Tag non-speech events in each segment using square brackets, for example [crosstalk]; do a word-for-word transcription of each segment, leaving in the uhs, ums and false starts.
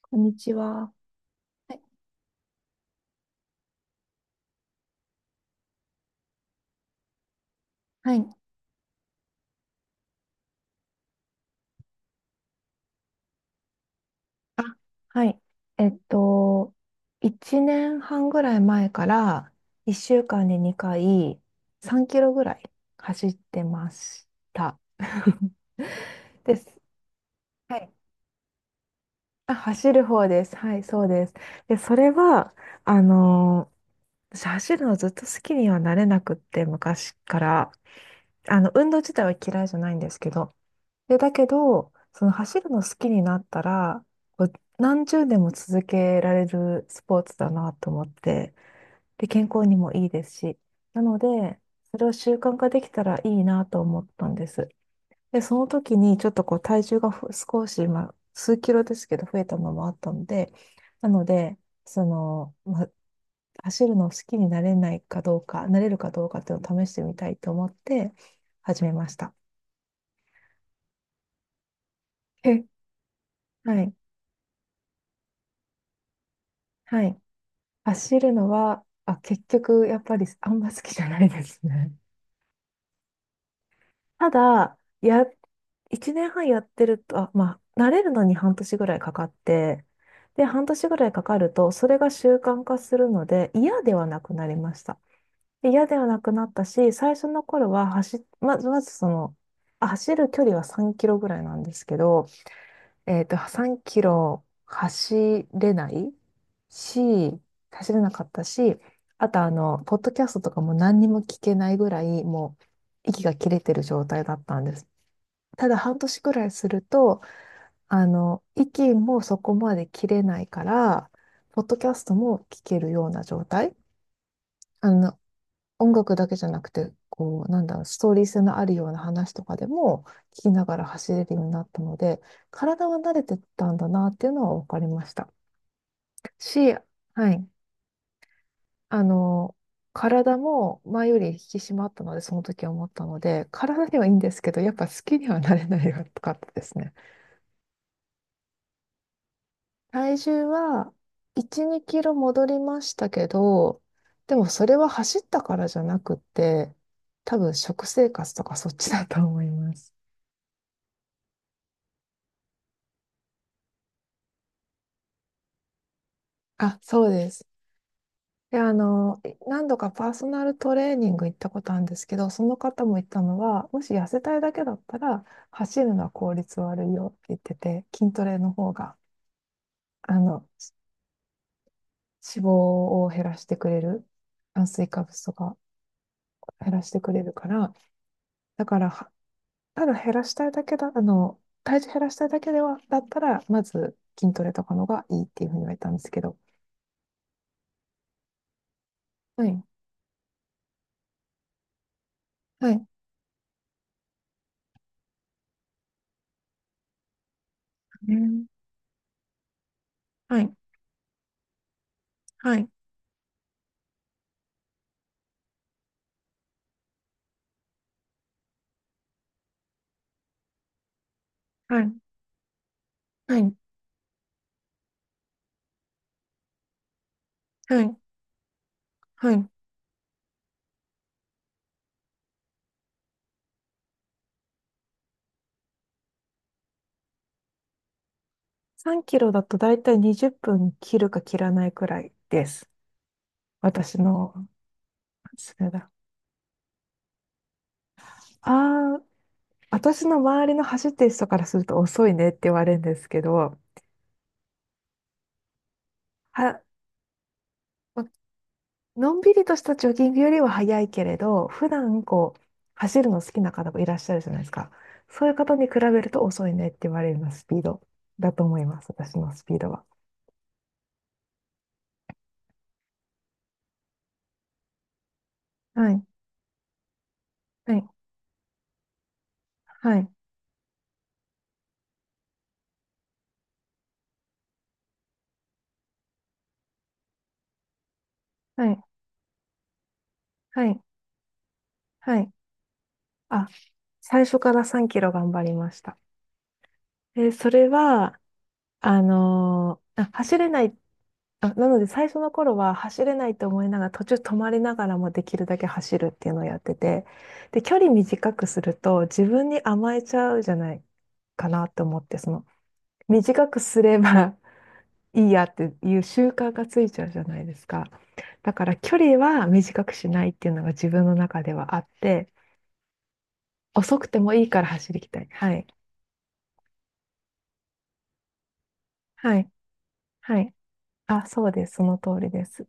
こんにちは。はい。はい。あ、はい。えっと、いちねんはんぐらい前からいっしゅうかんににかいさんキロぐらい走ってました。[laughs] です。はい。あ、走る方です。はい、そうです。で、それは、あのー私走るのずっと好きにはなれなくって、昔から。あの、運動自体は嫌いじゃないんですけど、で、だけど、その走るの好きになったら、こう何十年も続けられるスポーツだなと思って、で、健康にもいいですし、なので、それを習慣化できたらいいなと思ったんです。で、その時にちょっとこう体重がふ少し、まあ、数キロですけど増えたのもあったので、なので、その、まあ、走るの好きになれないかどうか、なれるかどうかっていうのを試してみたいと思って始めました。えはい。はい。走るのは、あ、結局、やっぱりあんま好きじゃないですね。ただ、や、いちねんはんやってると、あ、まあ、慣れるのに半年ぐらいかかって、で、半年ぐらいかかると、それが習慣化するので、嫌ではなくなりました。で嫌ではなくなったし、最初の頃は走っ、まず、まずその、あ走る距離はさんキロぐらいなんですけど、えっと、さんキロ走れないし、走れなかったし、あとあの、ポッドキャストとかも何にも聞けないぐらい、もう息が切れてる状態だったんです。ただ半年くらいすると、あの、息もそこまで切れないから、ポッドキャストも聞けるような状態。あの、音楽だけじゃなくて、こう、なんだろう、ストーリー性のあるような話とかでも聞きながら走れるようになったので、体は慣れてたんだなっていうのは分かりました。し、はい。あの、体も前より引き締まったので、その時は思ったので、体にはいいんですけど、やっぱ好きにはなれないかったですね。体重はいち、にキロ戻りましたけど、でもそれは走ったからじゃなくて、多分食生活とかそっちだと思います。あ、そうです。で、あの、い何度かパーソナルトレーニング行ったことあるんですけど、その方も言ったのは、もし痩せたいだけだったら、走るのは効率悪いよって言ってて、筋トレの方が、あの、脂肪を減らしてくれる、炭水化物とか減らしてくれるから、だから、はただ減らしたいだけだ、あの、体重減らしたいだけでは、だったら、まず筋トレとかの方がいいっていうふうに言われたんですけど。はい、はい、うん、はい、はい、はい、はい、はい。はい。さんキロだとだいたいにじゅっぷん切るか切らないくらいです。私の、それだ。ああ、私の周りの走ってる人からすると遅いねって言われるんですけど、は、ま、のんびりとしたジョギングよりは早いけれど、普段こう、走るの好きな方もいらっしゃるじゃないですか。そういう方に比べると遅いねって言われるようなスピードだと思います。私のスピードは。はい、はい、はい、はい、はい、はい。あ、最初からさんキロ頑張りました。えそれは、あのーあ、走れない、あ、なので最初の頃は走れないと思いながら途中止まりながらもできるだけ走るっていうのをやってて、で、距離短くすると自分に甘えちゃうじゃないかなと思って、その短くすれば [laughs] いいやっていう習慣がついちゃうじゃないですか。だから距離は短くしないっていうのが自分の中ではあって、遅くてもいいから走りきたい。はい。はい。はい。あ、そうです。その通りです。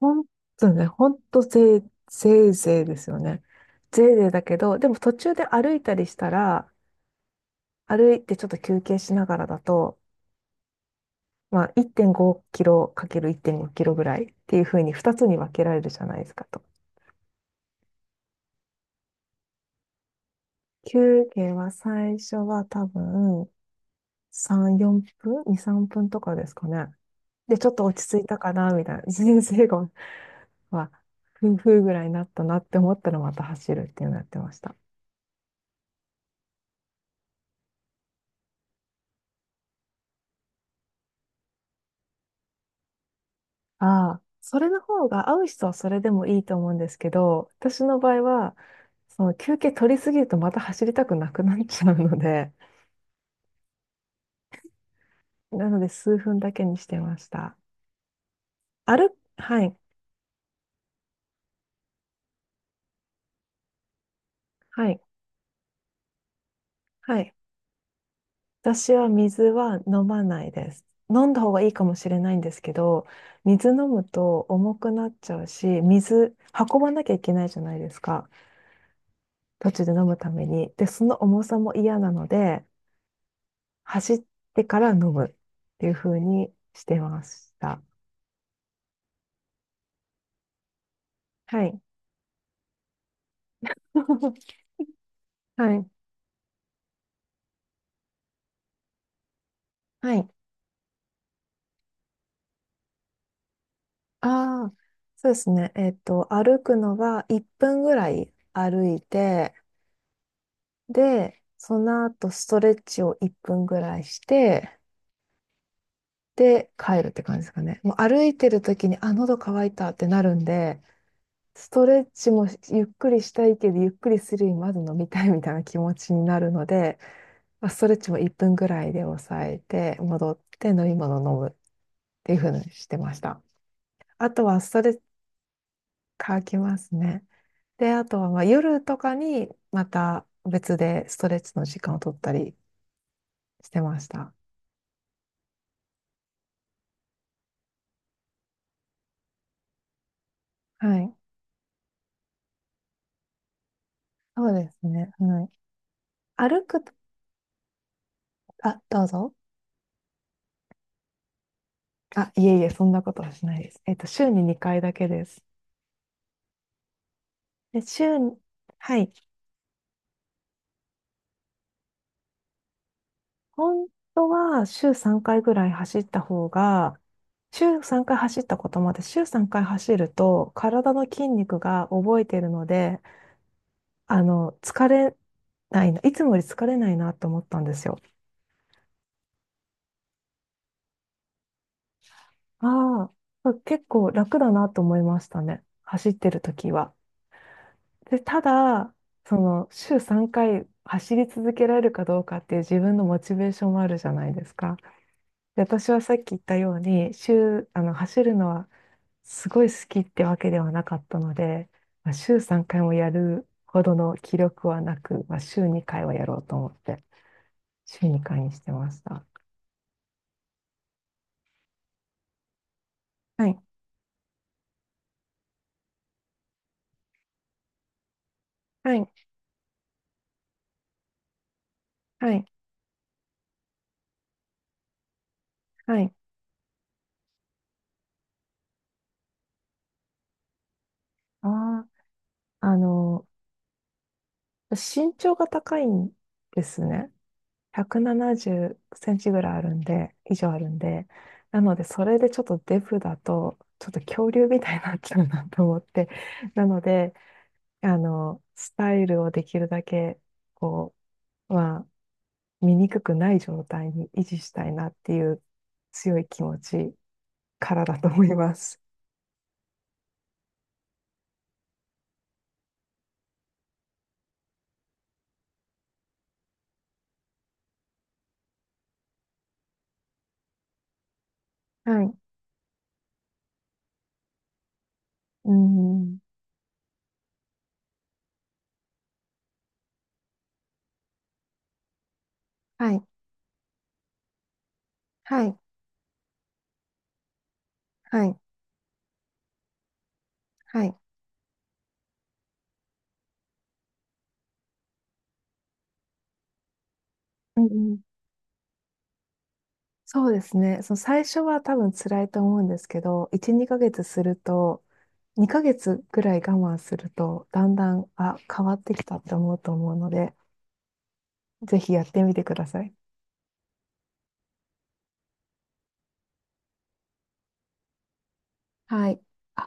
ほんとね、ほんとぜい、ぜいぜいですよね。ぜいぜいだけど、でも途中で歩いたりしたら、歩いてちょっと休憩しながらだと、まあいってんごキロかけるいってんごキロぐらいっていうふうにふたつに分けられるじゃないですかと。休憩は最初は多分さん、よんぷん ?に、さんぷんとかですかね。で、ちょっと落ち着いたかな、みたいな。[laughs] 人生が、まあ、ふ婦ぐらいになったなって思ったらまた走るっていうのやってました。ああ、それの方が合う人はそれでもいいと思うんですけど、私の場合は、その休憩取りすぎるとまた走りたくなくなっちゃうので、なので数分だけにしてました。歩、はい、はい、はい。私は水は飲まないです。飲んだ方がいいかもしれないんですけど、水飲むと重くなっちゃうし、水運ばなきゃいけないじゃないですか。途中で飲むために。で、その重さも嫌なので、走ってから飲むっていう風にしてました。はい。[laughs] はい。はい。ああ、そうですね。えっと、歩くのはいっぷんぐらい歩いて、で、その後ストレッチをいっぷんぐらいして、で、帰るって感じですかね。もう歩いてる時に、あ、喉乾いたってなるんで、ストレッチもゆっくりしたいけど、ゆっくりするよりまず飲みたいみたいな気持ちになるので、まあ、ストレッチもいっぷんぐらいで抑えて、戻って飲み物を飲むっていうふうにしてました。あとはストレッチ乾きますね。で、あとはまあ夜とかにまた別でストレッチの時間を取ったりしてました。はい。そうですね。はい。歩くと、あ、どうぞ。あ、いえいえ、そんなことはしないです。えっと、週ににかいだけです。で、週に、はい。本当は週さんかいぐらい走った方が、週さんかい走ったこともあって、週さんかい走ると体の筋肉が覚えているので、あの、疲れないな、いつもより疲れないなと思ったんですよ。ああ、結構楽だなと思いましたね。走ってる時は。で、ただ、その、週さんかい走り続けられるかどうかっていう自分のモチベーションもあるじゃないですか。で、私はさっき言ったように、週、あの、走るのはすごい好きってわけではなかったので、まあ、週さんかいもやるほどの気力はなく、まあ、週にかいはやろうと思って、週にかいにしてました。はい、はい、はい、はい。ああ、あの、身長が高いんですね。ひゃくななじゅっセンチぐらいあるんで、以上あるんで、なので、それでちょっとデブだと、ちょっと恐竜みたいになっちゃうなと思って、なので、あの、スタイルをできるだけ、こう、まあ醜くない状態に維持したいなっていう強い気持ちからだと思います。はい。うん。はい。はい。はい。はい。うんうん、そうですね。その最初は多分辛いと思うんですけど、いち、にかげつすると、にかげつぐらい我慢すると、だんだん、あ、変わってきたって思うと思うので、ぜひやってみてください。はい。あ